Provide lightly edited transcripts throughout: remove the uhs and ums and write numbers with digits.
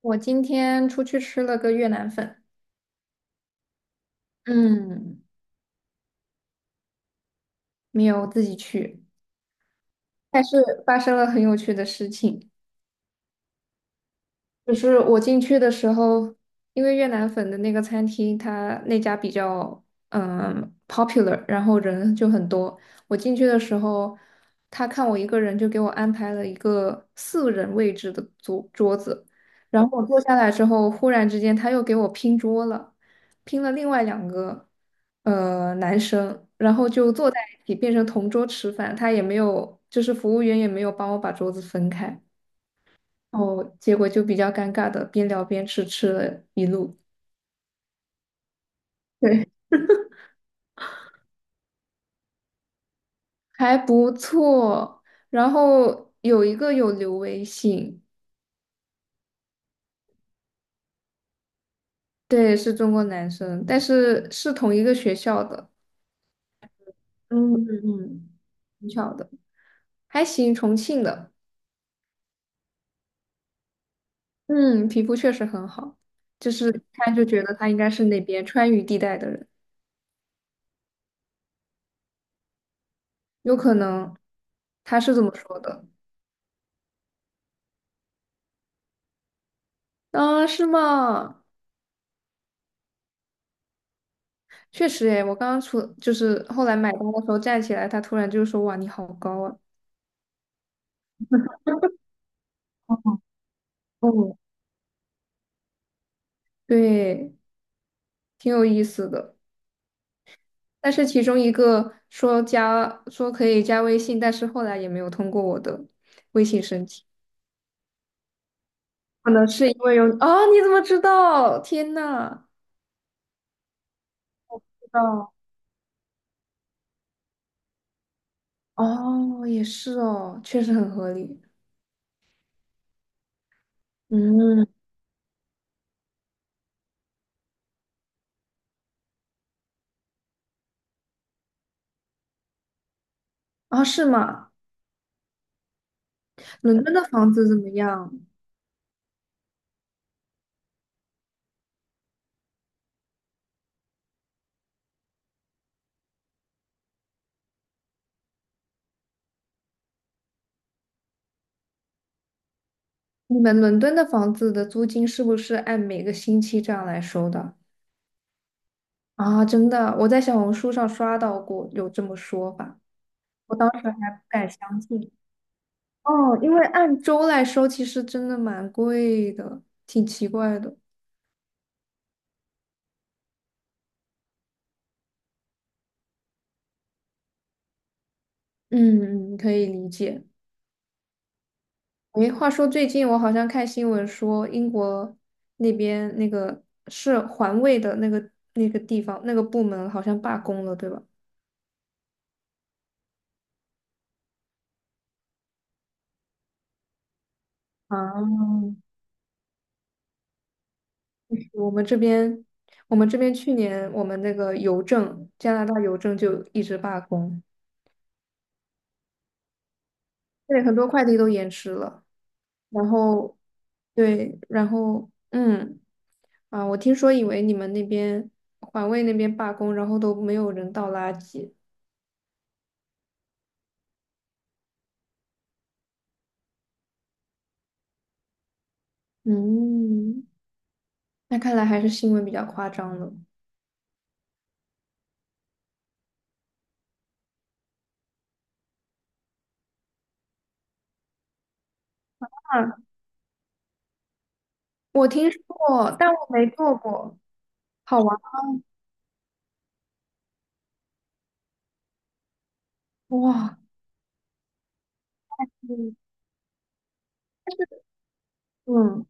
我今天出去吃了个越南粉，嗯，没有自己去，但是发生了很有趣的事情。就是我进去的时候，因为越南粉的那个餐厅，他那家比较popular，然后人就很多。我进去的时候，他看我一个人，就给我安排了一个四人位置的桌子。然后我坐下来之后，忽然之间他又给我拼桌了，拼了另外两个男生，然后就坐在一起变成同桌吃饭。他也没有，就是服务员也没有帮我把桌子分开。哦，结果就比较尴尬的，边聊边吃，吃了一路 对，还不错。然后有一个有留微信，对，是中国男生，但是是同一个学校的，嗯嗯嗯，挺巧的，还行，重庆的，嗯，皮肤确实很好，就是一看就觉得他应该是那边川渝地带的人，有可能，他是这么说的，啊，是吗？确实诶，我刚刚就是后来买单的时候站起来，他突然就说：“哇，你好高啊！”哦，哦对，挺有意思的。但是其中一个说可以加微信，但是后来也没有通过我的微信申请，可能是因为有啊？你怎么知道？天呐！知道哦，也是哦，确实很合理。嗯，啊，是吗？伦敦的房子怎么样？你们伦敦的房子的租金是不是按每个星期这样来收的？啊，真的，我在小红书上刷到过有这么说法，我当时还不敢相信。哦，因为按周来收，其实真的蛮贵的，挺奇怪的。嗯，可以理解。诶，话说最近我好像看新闻说，英国那边那个是环卫的那个地方那个部门好像罢工了，对吧？啊，我们这边，我们这边去年我们那个邮政，加拿大邮政就一直罢工。对，很多快递都延迟了。然后，对，然后，嗯，啊，我听说以为你们那边环卫那边罢工，然后都没有人倒垃圾。嗯，那看来还是新闻比较夸张了。啊，我听说过，但我没做过。好玩哇，嗯，但是嗯，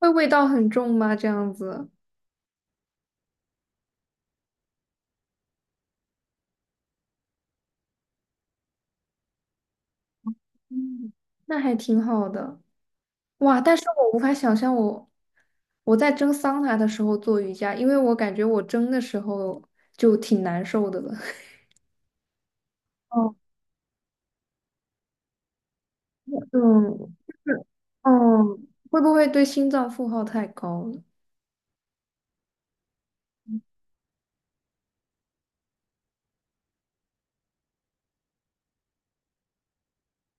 会味道很重吗？这样子，嗯，那还挺好的。哇！但是我无法想象我在蒸桑拿的时候做瑜伽，因为我感觉我蒸的时候就挺难受的了。哦，嗯，就是 嗯，会不会对心脏负荷太高了？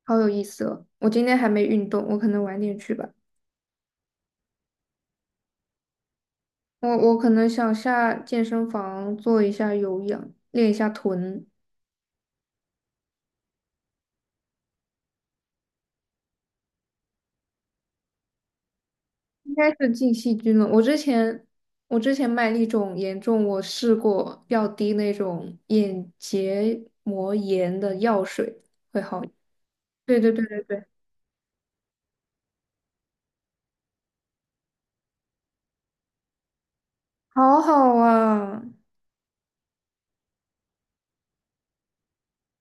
好有意思哦！我今天还没运动，我可能晚点去吧。我可能想下健身房做一下有氧，练一下臀。应该是进细菌了。我之前麦粒肿严重，我试过要滴那种眼结膜炎的药水。对对对对对，好好啊！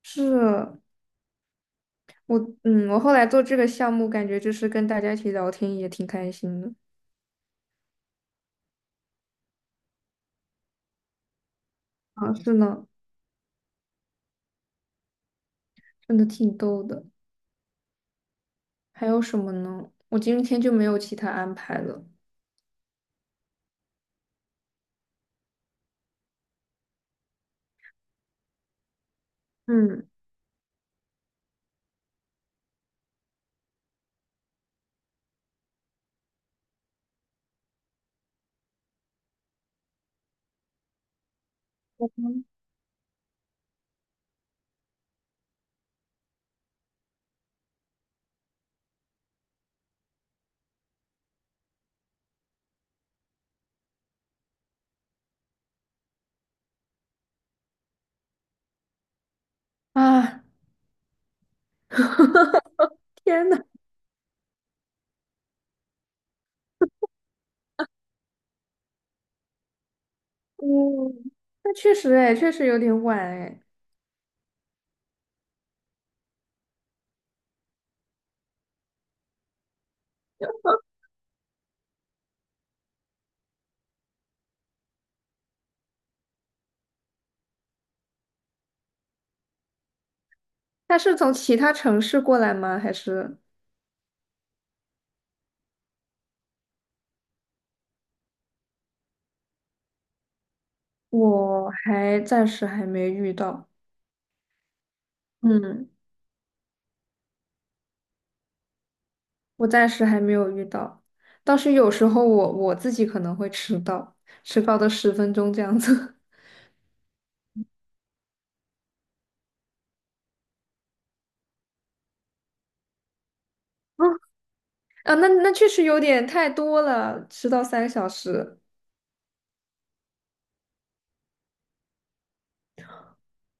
是我我后来做这个项目，感觉就是跟大家一起聊天也挺开心的。啊，是呢，真的挺逗的。还有什么呢？我今天就没有其他安排了。嗯啊，天呐，嗯，那确实哎，确实有点晚哎。他是从其他城市过来吗？还是我还暂时还没遇到？嗯，我暂时还没有遇到，倒是有时候我自己可能会迟到，迟到的十分钟这样子。啊，那确实有点太多了，迟到三个小时，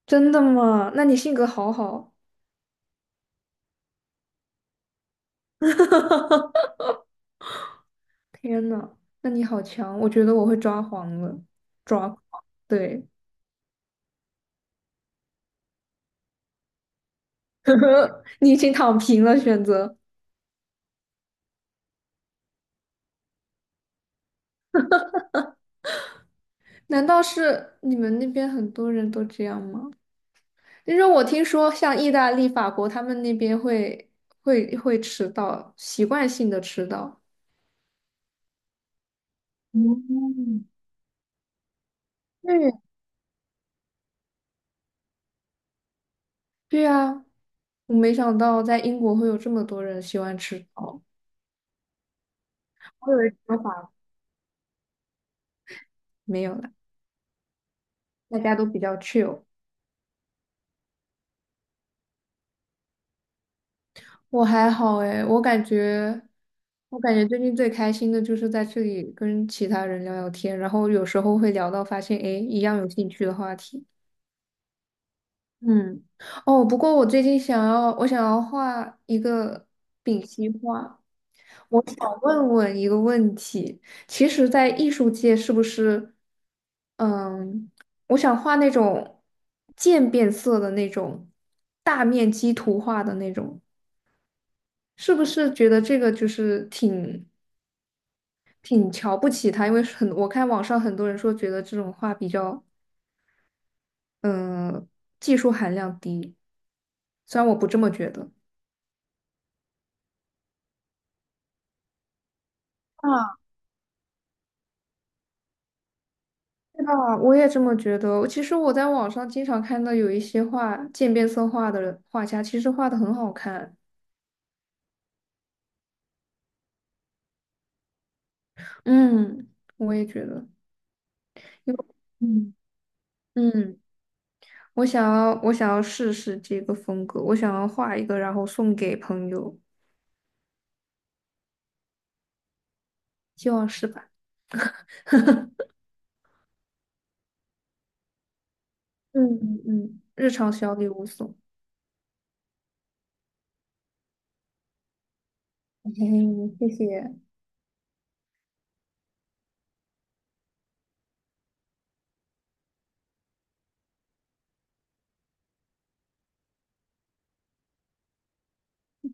真的吗？那你性格好好，天呐，那你好强，我觉得我会抓狂了，抓狂，对，你已经躺平了，选择。难道是你们那边很多人都这样吗？因为我听说像意大利、法国，他们那边会迟到，习惯性的迟到。嗯，对，对呀，我没想到在英国会有这么多人喜欢迟到。我以为只有法没有了，大家都比较 chill。我还好诶，我感觉最近最开心的就是在这里跟其他人聊聊天，然后有时候会聊到发现，诶，一样有兴趣的话题。嗯，哦，不过我最近想要画一个丙烯画。我想问问一个问题，其实，在艺术界是不是，嗯，我想画那种渐变色的那种大面积图画的那种，是不是觉得这个就是挺瞧不起它？因为很，我看网上很多人说觉得这种画比较，嗯，技术含量低，虽然我不这么觉得。啊。是吧？我也这么觉得。其实我在网上经常看到有一些画渐变色画的人画家，其实画的很好看。嗯，我也觉得，因为嗯嗯，我想要试试这个风格，我想要画一个，然后送给朋友，希望是吧？嗯嗯嗯，日常小礼物送。嘿嘿，谢谢。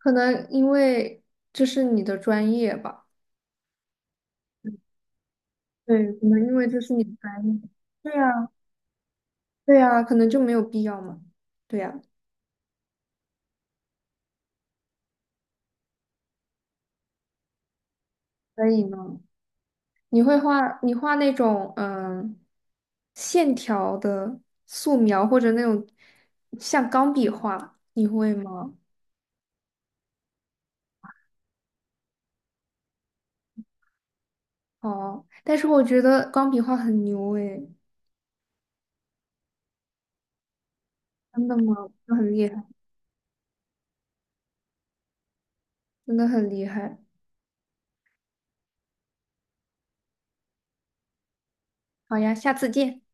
可能因为这是你的专业吧？对，可能因为这是你的专业。对呀，对呀，可能就没有必要嘛。对呀。可以吗？你会画，你画那种线条的素描，或者那种像钢笔画，你会吗？哦，但是我觉得钢笔画很牛诶，真的吗？真的很厉害，真的很厉害。好呀，下次见。